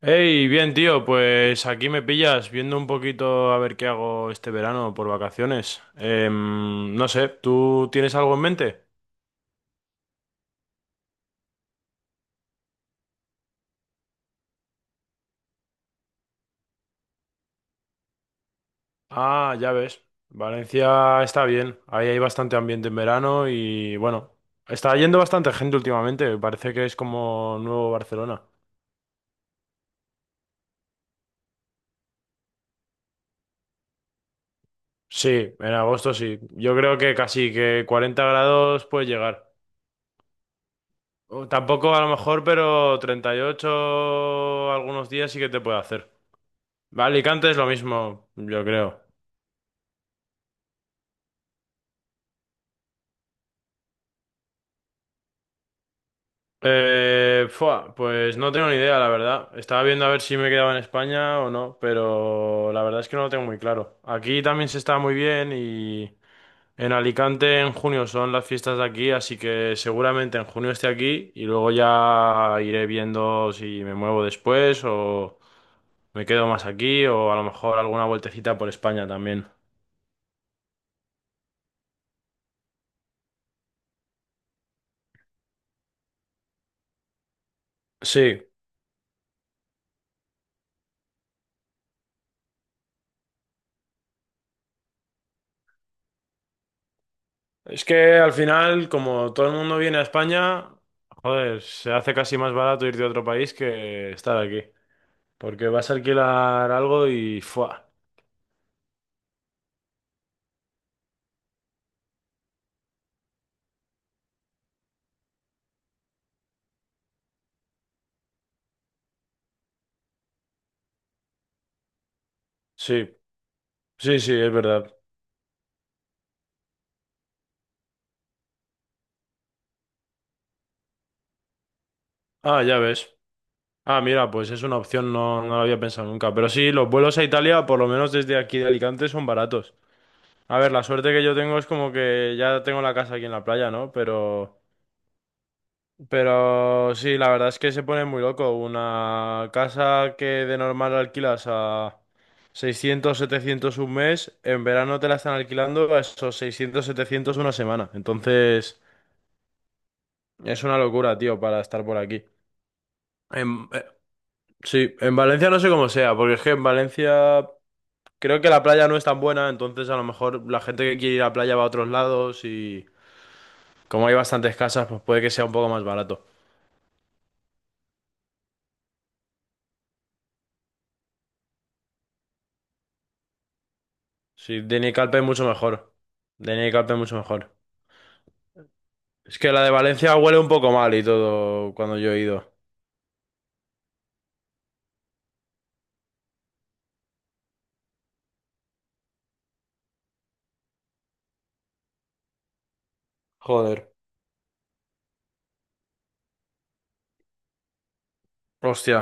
Hey, bien tío, pues aquí me pillas viendo un poquito a ver qué hago este verano por vacaciones. No sé, ¿tú tienes algo en mente? Ah, ya ves, Valencia está bien, ahí hay bastante ambiente en verano y bueno, está yendo bastante gente últimamente, parece que es como nuevo Barcelona. Sí, en agosto sí, yo creo que casi que 40 grados puede llegar. O tampoco a lo mejor, pero 38 algunos días sí que te puede hacer. Alicante es lo mismo, yo creo. Fua, pues no tengo ni idea, la verdad. Estaba viendo a ver si me quedaba en España o no, pero la verdad es que no lo tengo muy claro. Aquí también se está muy bien y en Alicante en junio son las fiestas de aquí, así que seguramente en junio esté aquí y luego ya iré viendo si me muevo después o me quedo más aquí o a lo mejor alguna vueltecita por España también. Sí, es que al final, como todo el mundo viene a España, joder, se hace casi más barato ir de otro país que estar aquí. Porque vas a alquilar algo y ¡fua! Sí, sí, es verdad. Ah, ya ves. Ah, mira, pues es una opción, no, no lo había pensado nunca. Pero sí, los vuelos a Italia, por lo menos desde aquí de Alicante, son baratos. A ver, la suerte que yo tengo es como que ya tengo la casa aquí en la playa, ¿no? Pero sí, la verdad es que se pone muy loco. Una casa que de normal alquilas a 600, 700 un mes, en verano te la están alquilando a esos 600, 700 una semana. Entonces, es una locura, tío, para estar por aquí. En- eh, sí, en Valencia no sé cómo sea, porque es que en Valencia creo que la playa no es tan buena, entonces a lo mejor la gente que quiere ir a la playa va a otros lados y como hay bastantes casas, pues puede que sea un poco más barato. Sí, de Nicalpe mucho mejor. De Nicalpe mucho mejor. Es que la de Valencia huele un poco mal y todo cuando yo he ido. Joder. Hostia,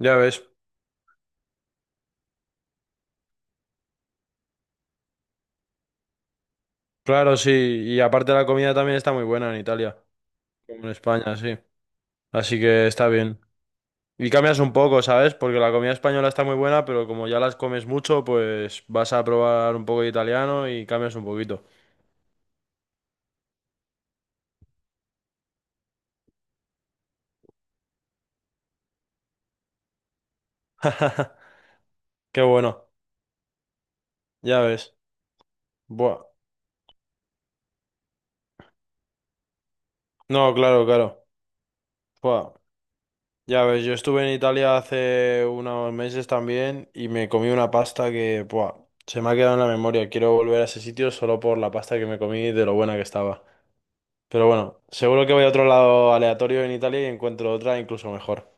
ya ves. Claro, sí. Y aparte la comida también está muy buena en Italia, como en España, sí. Así que está bien. Y cambias un poco, ¿sabes? Porque la comida española está muy buena, pero como ya las comes mucho, pues vas a probar un poco de italiano y cambias un poquito. Qué bueno, ya ves. Buah. No, claro, claro. Buah. Ya ves, yo estuve en Italia hace unos meses también y me comí una pasta que, buah, se me ha quedado en la memoria. Quiero volver a ese sitio solo por la pasta que me comí y de lo buena que estaba. Pero bueno, seguro que voy a otro lado aleatorio en Italia y encuentro otra incluso mejor.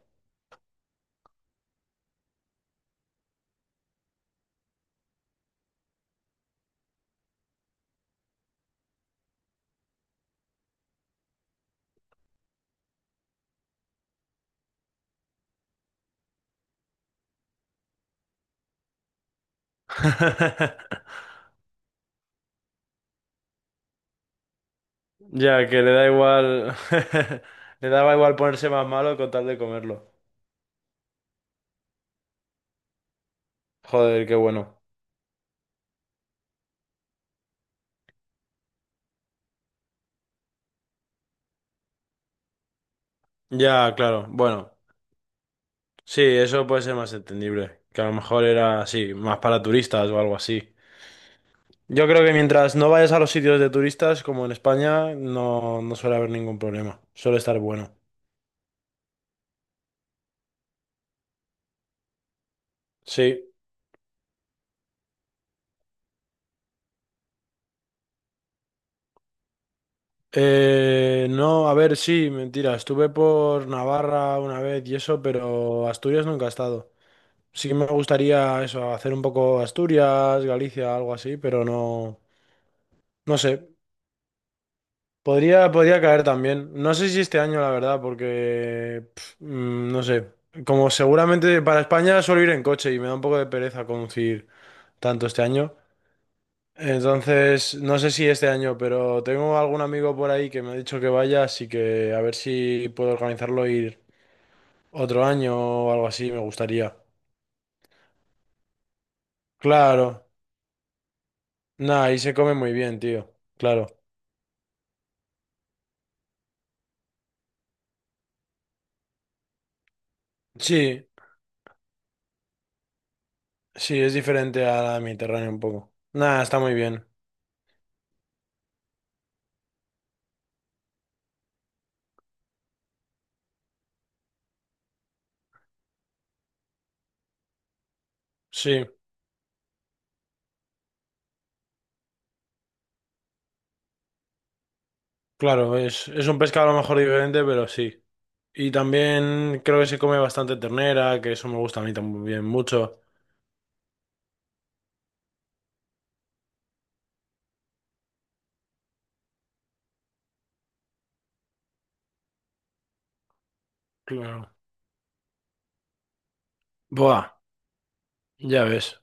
Ya, que le da igual. Le daba igual ponerse más malo con tal de comerlo. Joder, qué bueno. Ya, claro. Bueno, sí, eso puede ser más entendible. Que a lo mejor era así, más para turistas o algo así. Yo creo que mientras no vayas a los sitios de turistas, como en España, no, no suele haber ningún problema. Suele estar bueno. Sí. No, a ver, sí, mentira. Estuve por Navarra una vez y eso, pero Asturias nunca he estado. Sí que me gustaría eso, hacer un poco Asturias, Galicia, algo así, pero no, no sé. Podría caer también. No sé si este año, la verdad, porque no sé. Como seguramente para España suelo ir en coche y me da un poco de pereza conducir tanto este año. Entonces, no sé si este año, pero tengo algún amigo por ahí que me ha dicho que vaya, así que a ver si puedo organizarlo e ir otro año o algo así, me gustaría. Claro. Nah, ahí se come muy bien, tío. Claro. Sí, sí, es diferente a la mediterránea un poco. Nah, está muy bien. Sí. Claro, es un pescado a lo mejor diferente, pero sí. Y también creo que se come bastante ternera, que eso me gusta a mí también mucho. Claro. Buah, ya ves,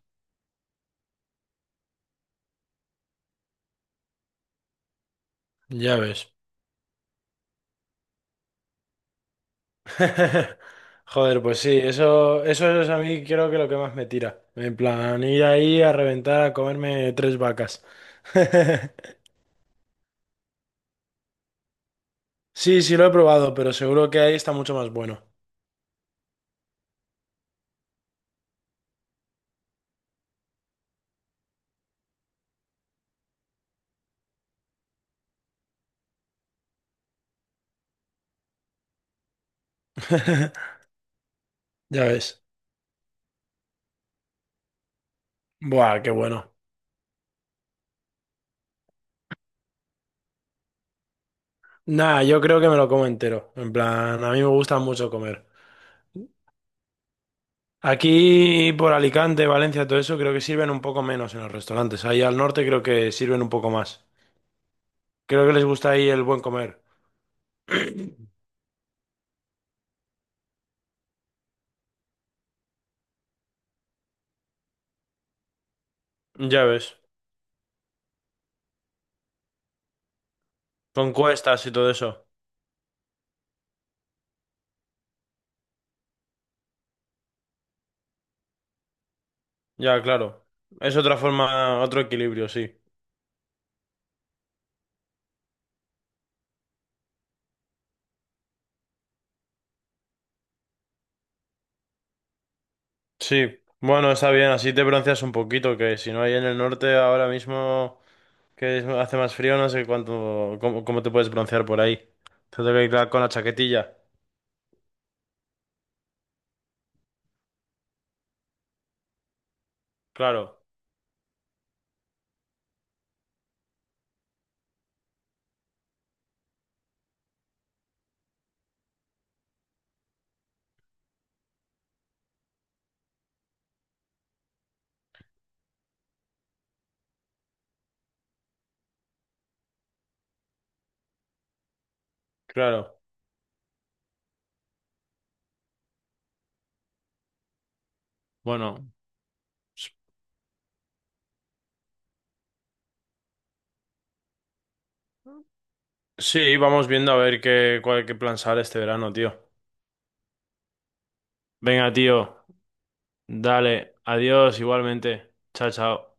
ya ves. Joder, pues sí, eso es a mí creo que lo que más me tira. En plan, ir ahí a reventar a comerme tres vacas. Sí, sí lo he probado, pero seguro que ahí está mucho más bueno. Ya ves. Buah, qué bueno. Nah, yo creo que me lo como entero. En plan, a mí me gusta mucho comer. Aquí por Alicante, Valencia, todo eso, creo que sirven un poco menos en los restaurantes. Ahí al norte creo que sirven un poco más. Creo que les gusta ahí el buen comer. Ya ves, con cuestas y todo eso. Ya, claro. Es otra forma, otro equilibrio, sí. Sí, bueno, está bien, así te bronceas un poquito, que si no hay en el norte ahora mismo hace más frío, no sé cuánto, cómo, cómo te puedes broncear por ahí. Te toca ir con la chaquetilla. Claro, claro. Bueno. Sí, vamos viendo a ver qué, cuál, qué plan sale este verano, tío. Venga, tío, dale, adiós igualmente. Chao, chao.